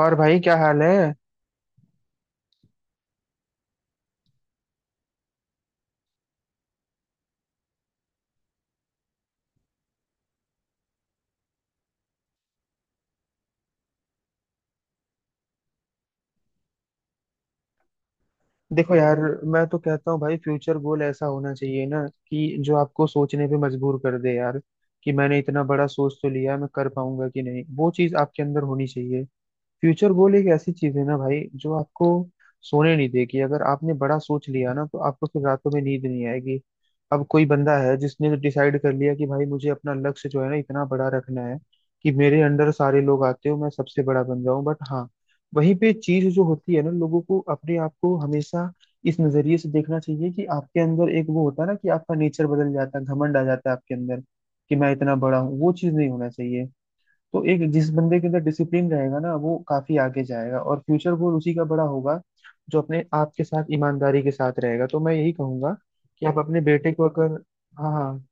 और भाई क्या हाल है। देखो यार। मैं तो कहता हूँ भाई फ्यूचर गोल ऐसा होना चाहिए ना कि जो आपको सोचने पे मजबूर कर दे यार। कि मैंने इतना बड़ा सोच तो लिया मैं कर पाऊंगा कि नहीं, वो चीज आपके अंदर होनी चाहिए। फ्यूचर गोल एक ऐसी चीज है ना भाई जो आपको सोने नहीं देगी। अगर आपने बड़ा सोच लिया ना तो आपको फिर रातों में नींद नहीं आएगी। अब कोई बंदा है जिसने डिसाइड कर लिया कि भाई मुझे अपना लक्ष्य जो है ना इतना बड़ा रखना है कि मेरे अंडर सारे लोग आते हो, मैं सबसे बड़ा बन जाऊं। बट हाँ, वहीं पे चीज जो होती है ना, लोगों को अपने आप को हमेशा इस नजरिए से देखना चाहिए कि आपके अंदर एक वो होता है ना कि आपका नेचर बदल जाता है, घमंड आ जाता है आपके अंदर कि मैं इतना बड़ा हूँ, वो चीज नहीं होना चाहिए। तो एक जिस बंदे के अंदर डिसिप्लिन रहेगा ना वो काफी आगे जाएगा और फ्यूचर गोल उसी का बड़ा होगा, जो अपने आपके साथ ईमानदारी के साथ रहेगा। तो मैं यही कहूंगा कि आप अपने बेटे को अगर। हाँ हाँ।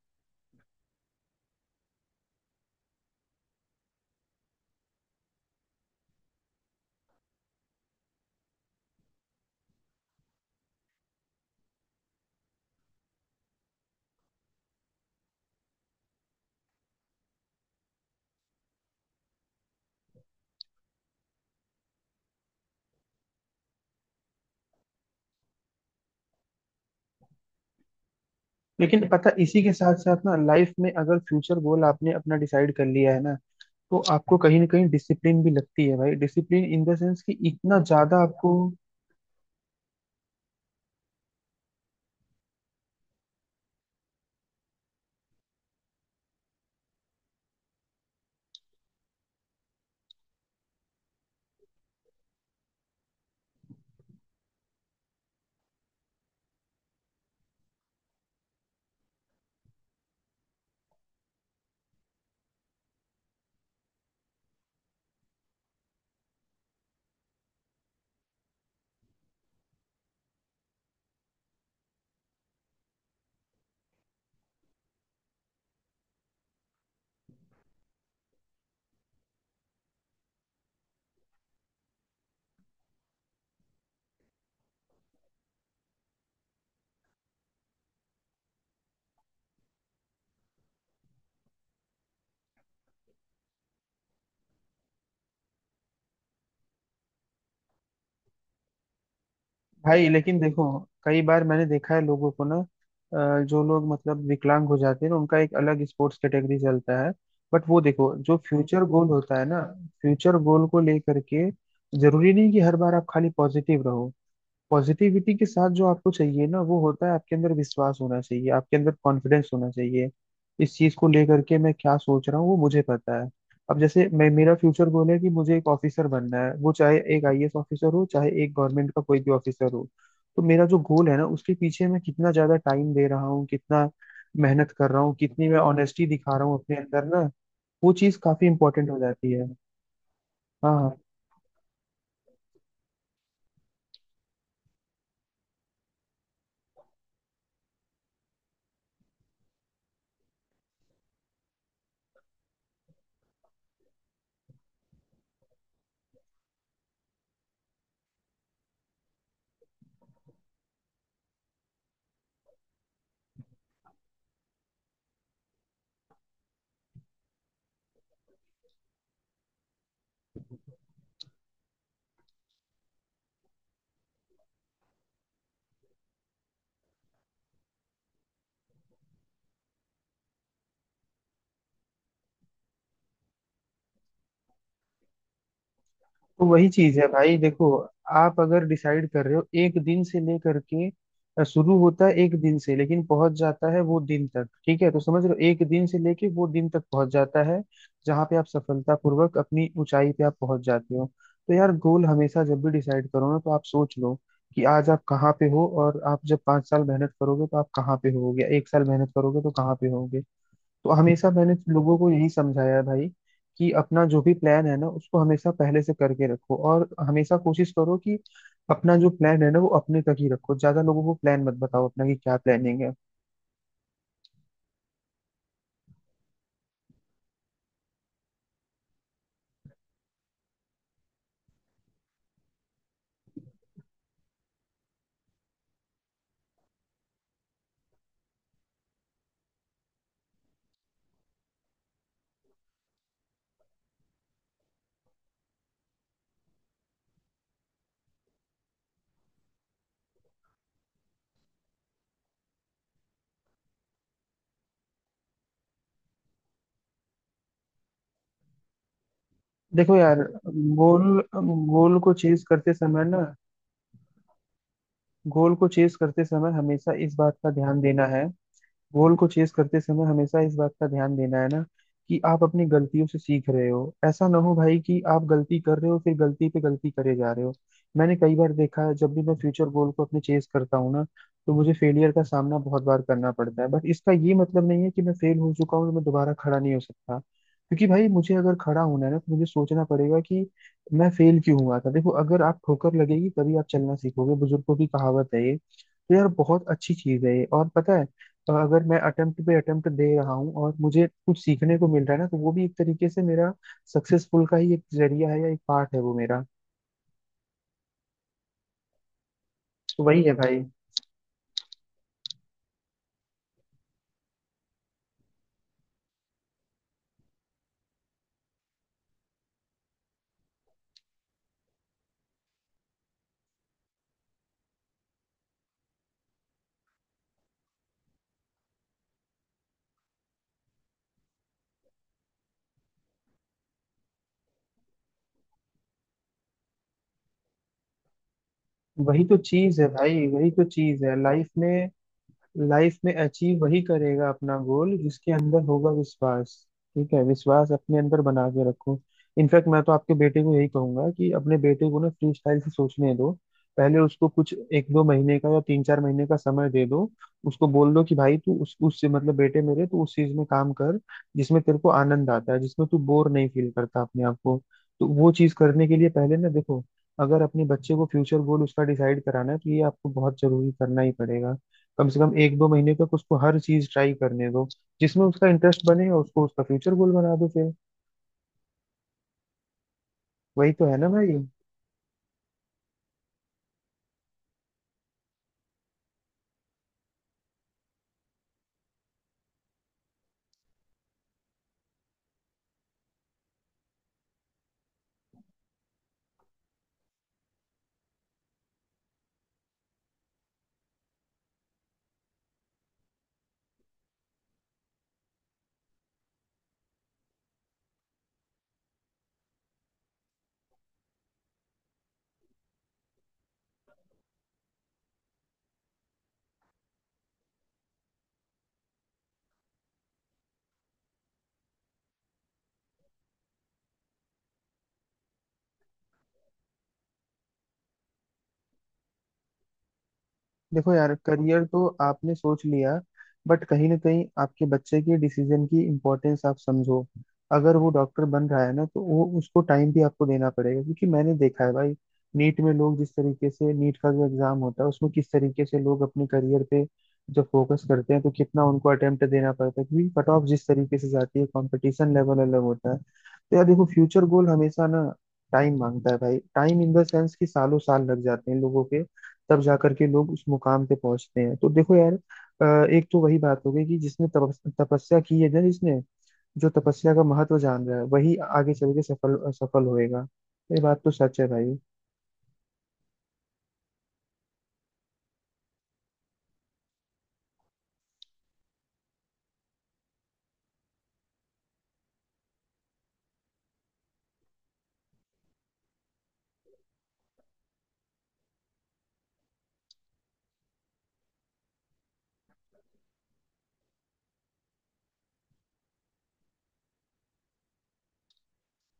लेकिन पता इसी के साथ साथ ना, लाइफ में अगर फ्यूचर गोल आपने अपना डिसाइड कर लिया है ना तो आपको कहीं ना कहीं डिसिप्लिन भी लगती है भाई। डिसिप्लिन इन द सेंस कि इतना ज्यादा आपको। भाई लेकिन देखो, कई बार मैंने देखा है लोगों को ना, जो लोग मतलब विकलांग हो जाते हैं ना उनका एक अलग स्पोर्ट्स कैटेगरी चलता है। बट वो देखो, जो फ्यूचर गोल होता है ना, फ्यूचर गोल को लेकर के जरूरी नहीं कि हर बार आप खाली पॉजिटिव रहो। पॉजिटिविटी के साथ जो आपको चाहिए ना वो होता है, आपके अंदर विश्वास होना चाहिए, आपके अंदर कॉन्फिडेंस होना चाहिए। इस चीज को लेकर के मैं क्या सोच रहा हूँ वो मुझे पता है। अब जैसे मैं, मेरा फ्यूचर गोल है कि मुझे एक ऑफिसर बनना है, वो चाहे एक आईएएस ऑफिसर हो चाहे एक गवर्नमेंट का कोई भी ऑफिसर हो। तो मेरा जो गोल है ना उसके पीछे मैं कितना ज्यादा टाइम दे रहा हूँ, कितना मेहनत कर रहा हूँ, कितनी मैं ऑनेस्टी दिखा रहा हूँ अपने अंदर ना, वो चीज काफी इंपॉर्टेंट हो जाती है। हाँ हाँ। तो वही चीज है भाई। देखो, आप अगर डिसाइड कर रहे हो एक दिन से लेकर के, शुरू होता है एक दिन से लेकिन पहुंच जाता है वो दिन तक। ठीक है, तो समझ लो एक दिन से लेके वो दिन तक पहुंच जाता है जहां पे आप सफलतापूर्वक अपनी ऊंचाई पे आप पहुंच जाते हो। तो यार गोल हमेशा जब भी डिसाइड करो ना तो आप सोच लो कि आज आप कहाँ पे हो, और आप जब 5 साल मेहनत करोगे तो आप कहाँ पे होगे, एक साल मेहनत करोगे तो कहाँ पे होगे। तो हमेशा मैंने लोगों को यही समझाया है भाई कि अपना जो भी प्लान है ना उसको हमेशा पहले से करके रखो, और हमेशा कोशिश करो कि अपना जो प्लान है ना वो अपने तक ही रखो। ज्यादा लोगों को प्लान मत बताओ अपना कि क्या प्लानिंग है। देखो यार, गोल गोल को चेज करते समय ना, गोल को चेज करते समय हमेशा इस बात का ध्यान देना है। गोल को चेस करते समय हमेशा इस बात का ध्यान देना है ना कि आप अपनी गलतियों से सीख रहे हो। ऐसा ना हो भाई कि आप गलती कर रहे हो फिर गलती पे गलती करे जा रहे हो। मैंने कई बार देखा है, जब भी मैं फ्यूचर गोल को अपने चेस करता हूँ ना तो मुझे फेलियर का सामना बहुत बार करना पड़ता है। बट इसका ये मतलब नहीं है कि मैं फेल हो चुका हूँ तो मैं दोबारा खड़ा नहीं हो सकता। क्योंकि भाई मुझे अगर खड़ा होना है ना तो मुझे सोचना पड़ेगा कि मैं फेल क्यों हुआ था। देखो, अगर आप ठोकर लगेगी तभी आप चलना सीखोगे, बुजुर्गों की कहावत है ये, तो यार बहुत अच्छी चीज है ये और पता है। तो अगर मैं अटेम्प्ट पे अटेम्प्ट दे रहा हूँ और मुझे कुछ सीखने को मिल रहा है ना तो वो भी एक तरीके से मेरा सक्सेसफुल का ही एक जरिया है या एक पार्ट है वो मेरा। तो वही है भाई, वही तो चीज है भाई, वही तो चीज है लाइफ में। लाइफ में अचीव वही करेगा अपना गोल, जिसके अंदर होगा विश्वास। ठीक है, विश्वास अपने अंदर बना के रखो। इनफैक्ट मैं तो आपके बेटे को यही कहूंगा कि अपने बेटे को ना फ्री स्टाइल से सोचने दो। पहले उसको कुछ एक दो महीने का या तीन चार महीने का समय दे दो। उसको बोल दो कि भाई तू उस उससे मतलब बेटे मेरे तू उस चीज में काम कर जिसमें तेरे को आनंद आता है, जिसमें तू बोर नहीं फील करता अपने आप को। तो वो चीज करने के लिए पहले ना, देखो, अगर अपने बच्चे को फ्यूचर गोल उसका डिसाइड कराना है तो ये आपको बहुत जरूरी करना ही पड़ेगा। कम से कम एक दो महीने तक उसको हर चीज ट्राई करने दो जिसमें उसका इंटरेस्ट बने, और उसको उसका फ्यूचर गोल बना दो फिर। वही तो है ना भाई। देखो यार, करियर तो आपने सोच लिया बट कहीं ना कहीं आपके बच्चे के डिसीजन की इम्पोर्टेंस आप समझो। अगर वो डॉक्टर बन रहा है ना तो वो उसको टाइम भी आपको देना पड़ेगा, क्योंकि मैंने देखा है भाई, नीट में लोग जिस तरीके से, नीट का जो एग्जाम होता है उसमें किस तरीके से लोग अपने करियर पे जब फोकस करते हैं तो कितना उनको अटेम्प्ट देना पड़ता है, क्योंकि कट ऑफ जिस तरीके से जाती है कंपटीशन लेवल अलग होता है। तो यार देखो, फ्यूचर गोल हमेशा ना टाइम मांगता है भाई। टाइम इन द सेंस कि सालों साल लग जाते हैं लोगों के, तब जाकर के लोग उस मुकाम पे पहुंचते हैं। तो देखो यार, एक तो वही बात हो गई कि जिसने तपस्या की है ना, जिसने जो तपस्या का महत्व जान रहा है, वही आगे चल के सफल सफल होएगा। ये बात तो सच है भाई।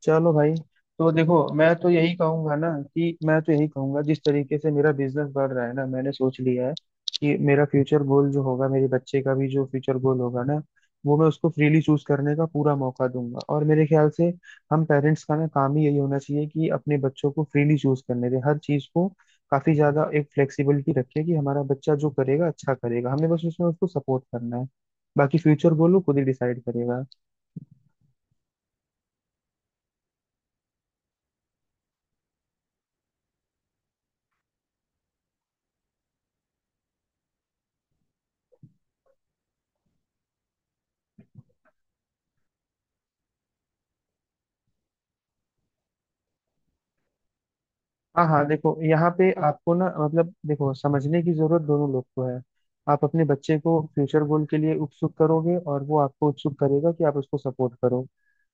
चलो भाई। तो देखो, मैं तो यही कहूंगा ना कि मैं तो यही कहूंगा जिस तरीके से मेरा बिजनेस बढ़ रहा है ना, मैंने सोच लिया है कि मेरा फ्यूचर गोल जो होगा, मेरे बच्चे का भी जो फ्यूचर गोल होगा ना, वो मैं उसको फ्रीली चूज करने का पूरा मौका दूंगा। और मेरे ख्याल से हम पेरेंट्स का ना काम ही यही होना चाहिए कि अपने बच्चों को फ्रीली चूज करने दें हर चीज को। काफी ज्यादा एक फ्लेक्सिबिलिटी रखें कि हमारा बच्चा जो करेगा अच्छा करेगा, हमें बस उसमें उसको सपोर्ट करना है। बाकी फ्यूचर गोल वो खुद ही डिसाइड करेगा। हाँ हाँ। देखो, यहाँ पे आपको ना मतलब, देखो, समझने की जरूरत दोनों लोग को है। आप अपने बच्चे को फ्यूचर गोल के लिए उत्सुक करोगे और वो आपको उत्सुक करेगा कि आप उसको सपोर्ट करो।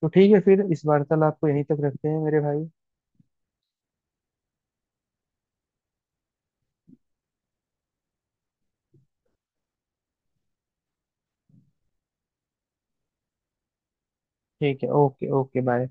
तो ठीक है, फिर इस वार्तालाप को यहीं तक रखते हैं मेरे भाई। ठीक है, ओके ओके बाय।